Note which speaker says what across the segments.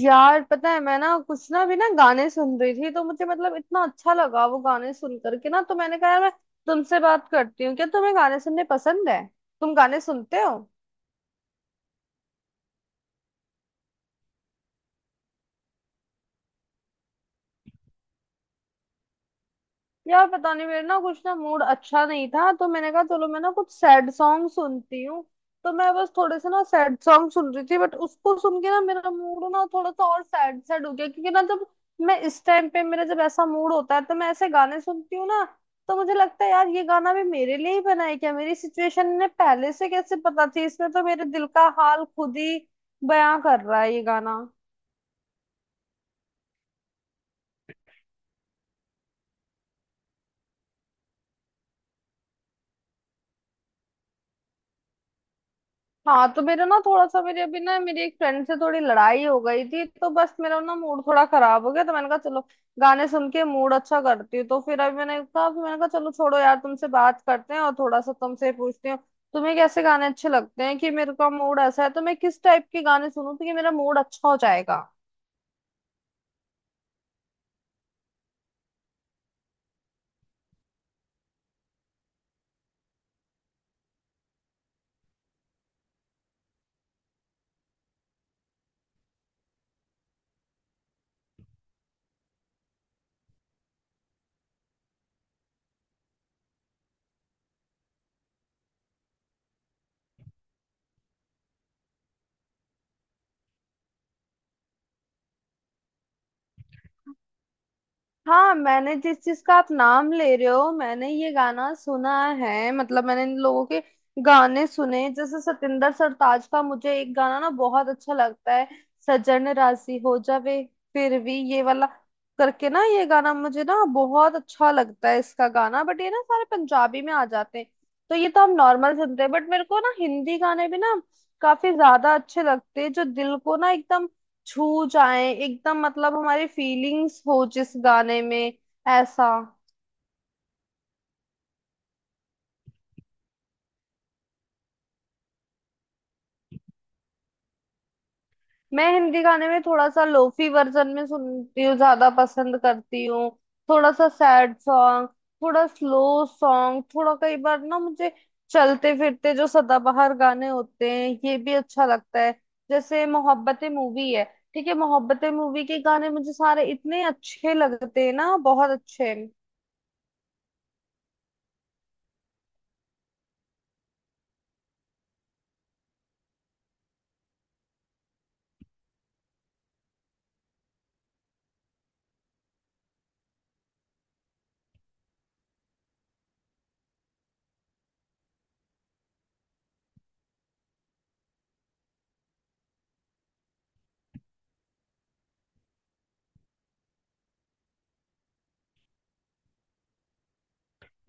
Speaker 1: यार, पता है मैं ना कुछ ना भी ना गाने सुन रही थी, तो मुझे मतलब इतना अच्छा लगा वो गाने सुन करके ना, तो मैंने कहा यार मैं तुमसे बात करती हूँ। क्या तुम्हें गाने सुनने पसंद है? तुम गाने सुनते हो? यार, पता नहीं, मेरा ना कुछ ना मूड अच्छा नहीं था, तो मैंने कहा चलो मैं ना कुछ सैड सॉन्ग सुनती हूँ। तो मैं बस थोड़े से ना सैड सॉन्ग सुन रही थी, बट उसको सुन के ना मेरा मूड ना थोड़ा सा और सैड सैड हो गया, क्योंकि ना जब मैं इस टाइम पे मेरा जब ऐसा मूड होता है तो मैं ऐसे गाने सुनती हूँ ना। तो मुझे लगता है यार, ये गाना भी मेरे लिए ही बना है क्या? मेरी सिचुएशन ने पहले से कैसे पता थी? इसमें तो मेरे दिल का हाल खुद ही बयां कर रहा है ये गाना। हाँ, तो मेरा ना थोड़ा सा, मेरी अभी ना मेरी एक फ्रेंड से थोड़ी लड़ाई हो गई थी, तो बस मेरा ना मूड थोड़ा खराब हो गया, तो मैंने कहा चलो गाने सुन के मूड अच्छा करती हूँ। तो फिर अभी मैंने कहा चलो छोड़ो यार, तुमसे बात करते हैं और थोड़ा सा तुमसे पूछती हूँ। तुम्हें कैसे गाने अच्छे लगते हैं? कि मेरे का मूड ऐसा है तो मैं किस टाइप के गाने सुनूं तो कि मेरा मूड अच्छा हो जाएगा? हाँ, मैंने जिस चीज का आप नाम ले रहे हो मैंने ये गाना सुना है, मतलब मैंने इन लोगों के गाने सुने। जैसे सतिंदर सरताज का मुझे एक गाना ना बहुत अच्छा लगता है। सजन राशि हो जावे फिर भी ये वाला करके ना, ये गाना मुझे ना बहुत अच्छा लगता है, इसका गाना। बट ये ना सारे पंजाबी में आ जाते हैं। तो ये तो हम नॉर्मल सुनते हैं, बट मेरे को ना हिंदी गाने भी ना काफी ज्यादा अच्छे लगते हैं, जो दिल को ना एकदम छू जाए, एकदम मतलब हमारी फीलिंग्स हो जिस गाने में, ऐसा। मैं हिंदी गाने में थोड़ा सा लोफी वर्जन में सुनती हूँ, ज्यादा पसंद करती हूँ। थोड़ा सा सैड सॉन्ग, थोड़ा स्लो सॉन्ग, थोड़ा, कई बार ना मुझे चलते फिरते जो सदाबहार गाने होते हैं ये भी अच्छा लगता है। जैसे मोहब्बतें मूवी है, ठीक है, मोहब्बतें मूवी के गाने मुझे सारे इतने अच्छे लगते हैं ना, बहुत अच्छे।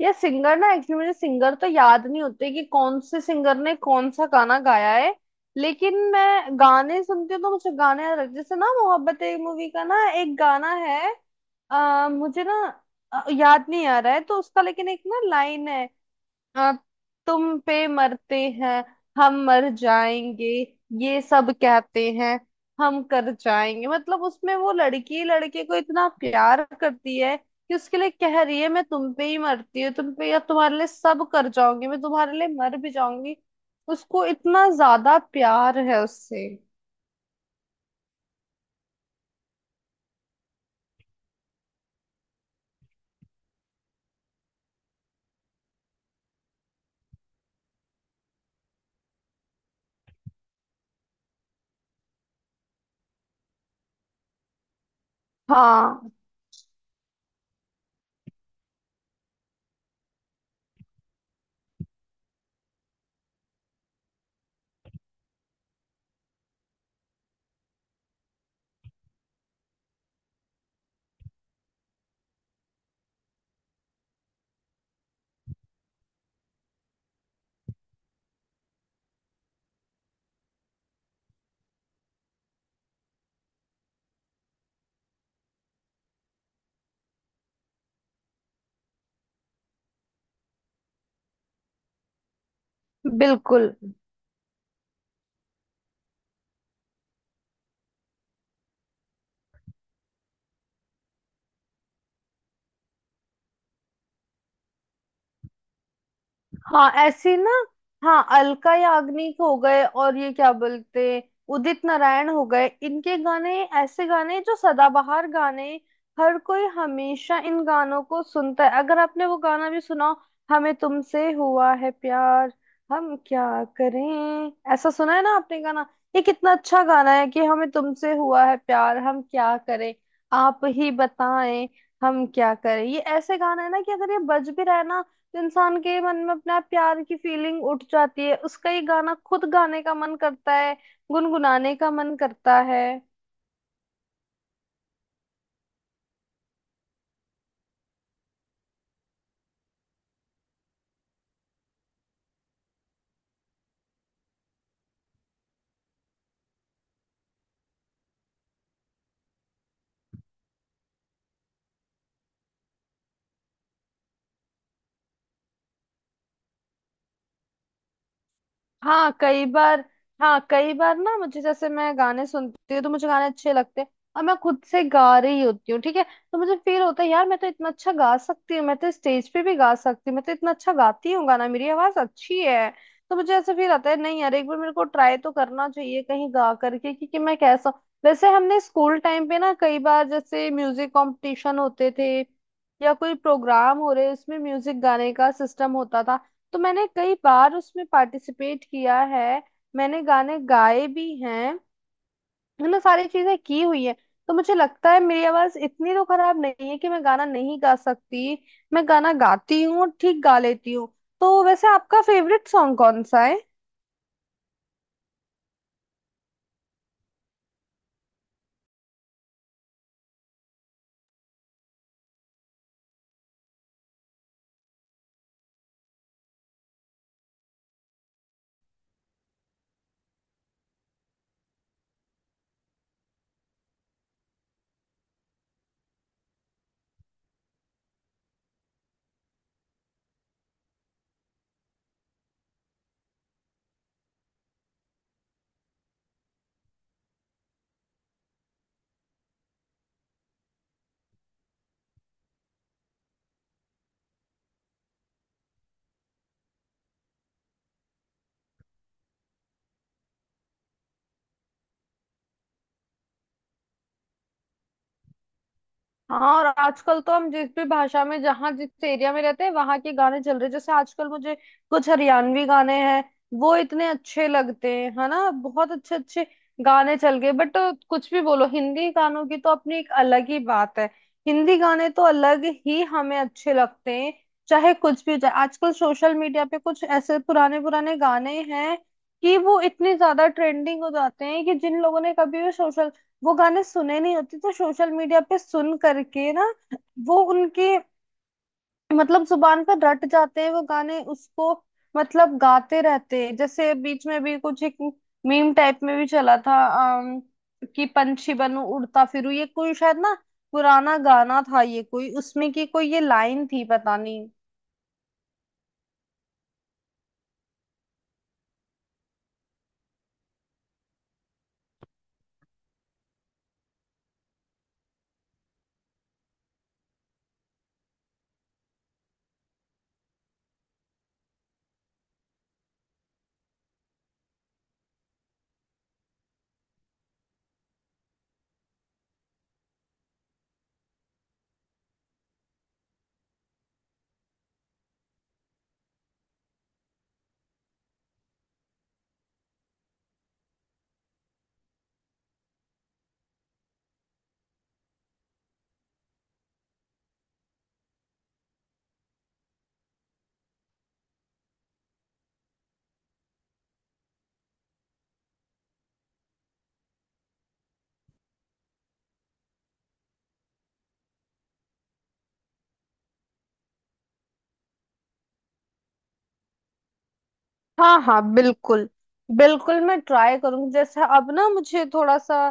Speaker 1: ये सिंगर ना, एक्चुअली मुझे सिंगर तो याद नहीं होते कि कौन से सिंगर ने कौन सा गाना गाया है, लेकिन मैं गाने सुनती हूँ तो मुझे गाने याद रहते हैं। जैसे ना मोहब्बत एक मूवी का ना एक गाना है, मुझे ना याद नहीं आ रहा है तो उसका, लेकिन एक ना लाइन है। हाँ, तुम पे मरते हैं हम, मर जाएंगे ये सब कहते हैं, हम कर जाएंगे। मतलब उसमें वो लड़की लड़के को इतना प्यार करती है कि उसके लिए कह रही है मैं तुम पे ही मरती हूँ, तुम पे या तुम्हारे लिए सब कर जाऊंगी, मैं तुम्हारे लिए मर भी जाऊंगी। उसको इतना ज्यादा प्यार है उससे। हाँ बिल्कुल। हाँ ऐसी ना। हाँ, अलका याग्निक हो गए, और ये क्या बोलते, उदित नारायण हो गए, इनके गाने। ऐसे गाने जो सदाबहार गाने, हर कोई हमेशा इन गानों को सुनता है। अगर आपने वो गाना भी सुना हो, हमें तुमसे हुआ है प्यार, हम क्या करें। ऐसा सुना है ना आपने गाना? ये कितना अच्छा गाना है कि हमें तुमसे हुआ है प्यार, हम क्या करें, आप ही बताएं, हम क्या करें। ये ऐसे गाना है ना कि अगर ये बज भी रहा है ना, इंसान के मन में अपना प्यार की फीलिंग उठ जाती है, उसका ये गाना खुद गाने का मन करता है, गुनगुनाने का मन करता है। हाँ कई बार। हाँ कई बार ना मुझे, जैसे मैं गाने सुनती हूँ तो मुझे गाने अच्छे लगते हैं, और मैं खुद से गा रही होती हूँ ठीक है, तो मुझे फील होता है यार मैं तो इतना अच्छा गा सकती हूँ, मैं तो स्टेज पे भी गा सकती हूँ, मैं तो इतना अच्छा गाती हूँ गाना, मेरी आवाज अच्छी है। तो मुझे ऐसा फील आता है, नहीं यार एक बार मेरे को ट्राई तो करना चाहिए कहीं गा करके कि मैं कैसा हूँ। वैसे हमने स्कूल टाइम पे ना कई बार जैसे म्यूजिक कंपटीशन होते थे, या कोई प्रोग्राम हो रहे उसमें म्यूजिक गाने का सिस्टम होता था, तो मैंने कई बार उसमें पार्टिसिपेट किया है, मैंने गाने गाए भी हैं, मैंने सारी चीजें की हुई है। तो मुझे लगता है मेरी आवाज इतनी तो खराब नहीं है कि मैं गाना नहीं गा सकती। मैं गाना गाती हूँ, ठीक गा लेती हूँ। तो वैसे आपका फेवरेट सॉन्ग कौन सा है? हाँ, और आजकल तो हम जिस भी भाषा में जहाँ जिस एरिया में रहते हैं वहां के गाने चल रहे हैं। जैसे आजकल मुझे कुछ हरियाणवी गाने हैं, वो इतने अच्छे लगते हैं है ना, बहुत अच्छे अच्छे गाने चल गए। बट कुछ भी बोलो, हिंदी गानों की तो अपनी एक अलग ही बात है। हिंदी गाने तो अलग ही हमें अच्छे लगते हैं, चाहे कुछ भी हो जाए। आजकल सोशल मीडिया पे कुछ ऐसे पुराने पुराने गाने हैं कि वो इतने ज्यादा ट्रेंडिंग हो जाते हैं कि जिन लोगों ने कभी भी सोशल, वो गाने सुने नहीं होते, तो सोशल मीडिया पे सुन करके ना वो उनके, मतलब, जुबान पर रट जाते हैं वो गाने, उसको मतलब गाते रहते हैं। जैसे बीच में भी कुछ एक मीम टाइप में भी चला था, अम, कि पंछी बनूं उड़ता फिरूं, ये कोई शायद ना पुराना गाना था, ये कोई उसमें की कोई ये लाइन थी, पता नहीं। हाँ हाँ बिल्कुल। बिल्कुल मैं ट्राई करूंगी। जैसे अब ना मुझे थोड़ा सा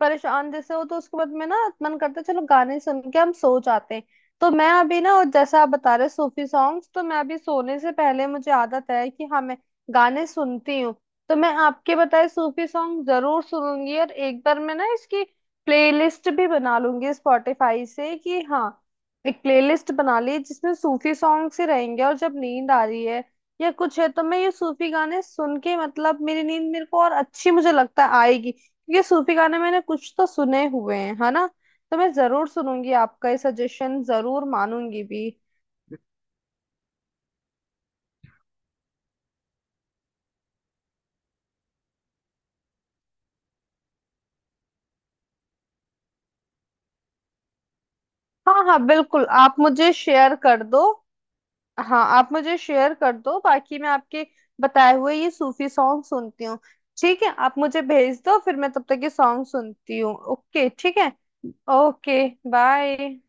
Speaker 1: परेशान जैसे हो, तो उसके बाद में ना मन करता है चलो गाने सुन के हम सो जाते हैं। तो मैं अभी ना, और जैसा आप बता रहे सूफी सॉन्ग्स, तो मैं अभी सोने से पहले मुझे आदत है कि हाँ मैं गाने सुनती हूँ। तो मैं आपके बताए सूफी सॉन्ग जरूर सुनूंगी, और एक बार मैं ना इसकी प्लेलिस्ट भी बना लूंगी स्पॉटिफाई से कि हाँ, एक प्लेलिस्ट बना ली जिसमें सूफी सॉन्ग से रहेंगे, और जब नींद आ रही है या कुछ है तो मैं ये सूफी गाने सुन के, मतलब, मेरी नींद मेरे को और अच्छी मुझे लगता है आएगी, क्योंकि सूफी गाने मैंने कुछ तो सुने हुए हैं है ना। तो मैं जरूर सुनूंगी, आपका ये सजेशन जरूर मानूंगी भी। हाँ हाँ बिल्कुल, आप मुझे शेयर कर दो। हाँ आप मुझे शेयर कर दो, बाकी मैं आपके बताए हुए ये सूफी सॉन्ग सुनती हूँ। ठीक है, आप मुझे भेज दो फिर, मैं तब तक ये सॉन्ग सुनती हूँ। ओके ठीक है। Okay bye.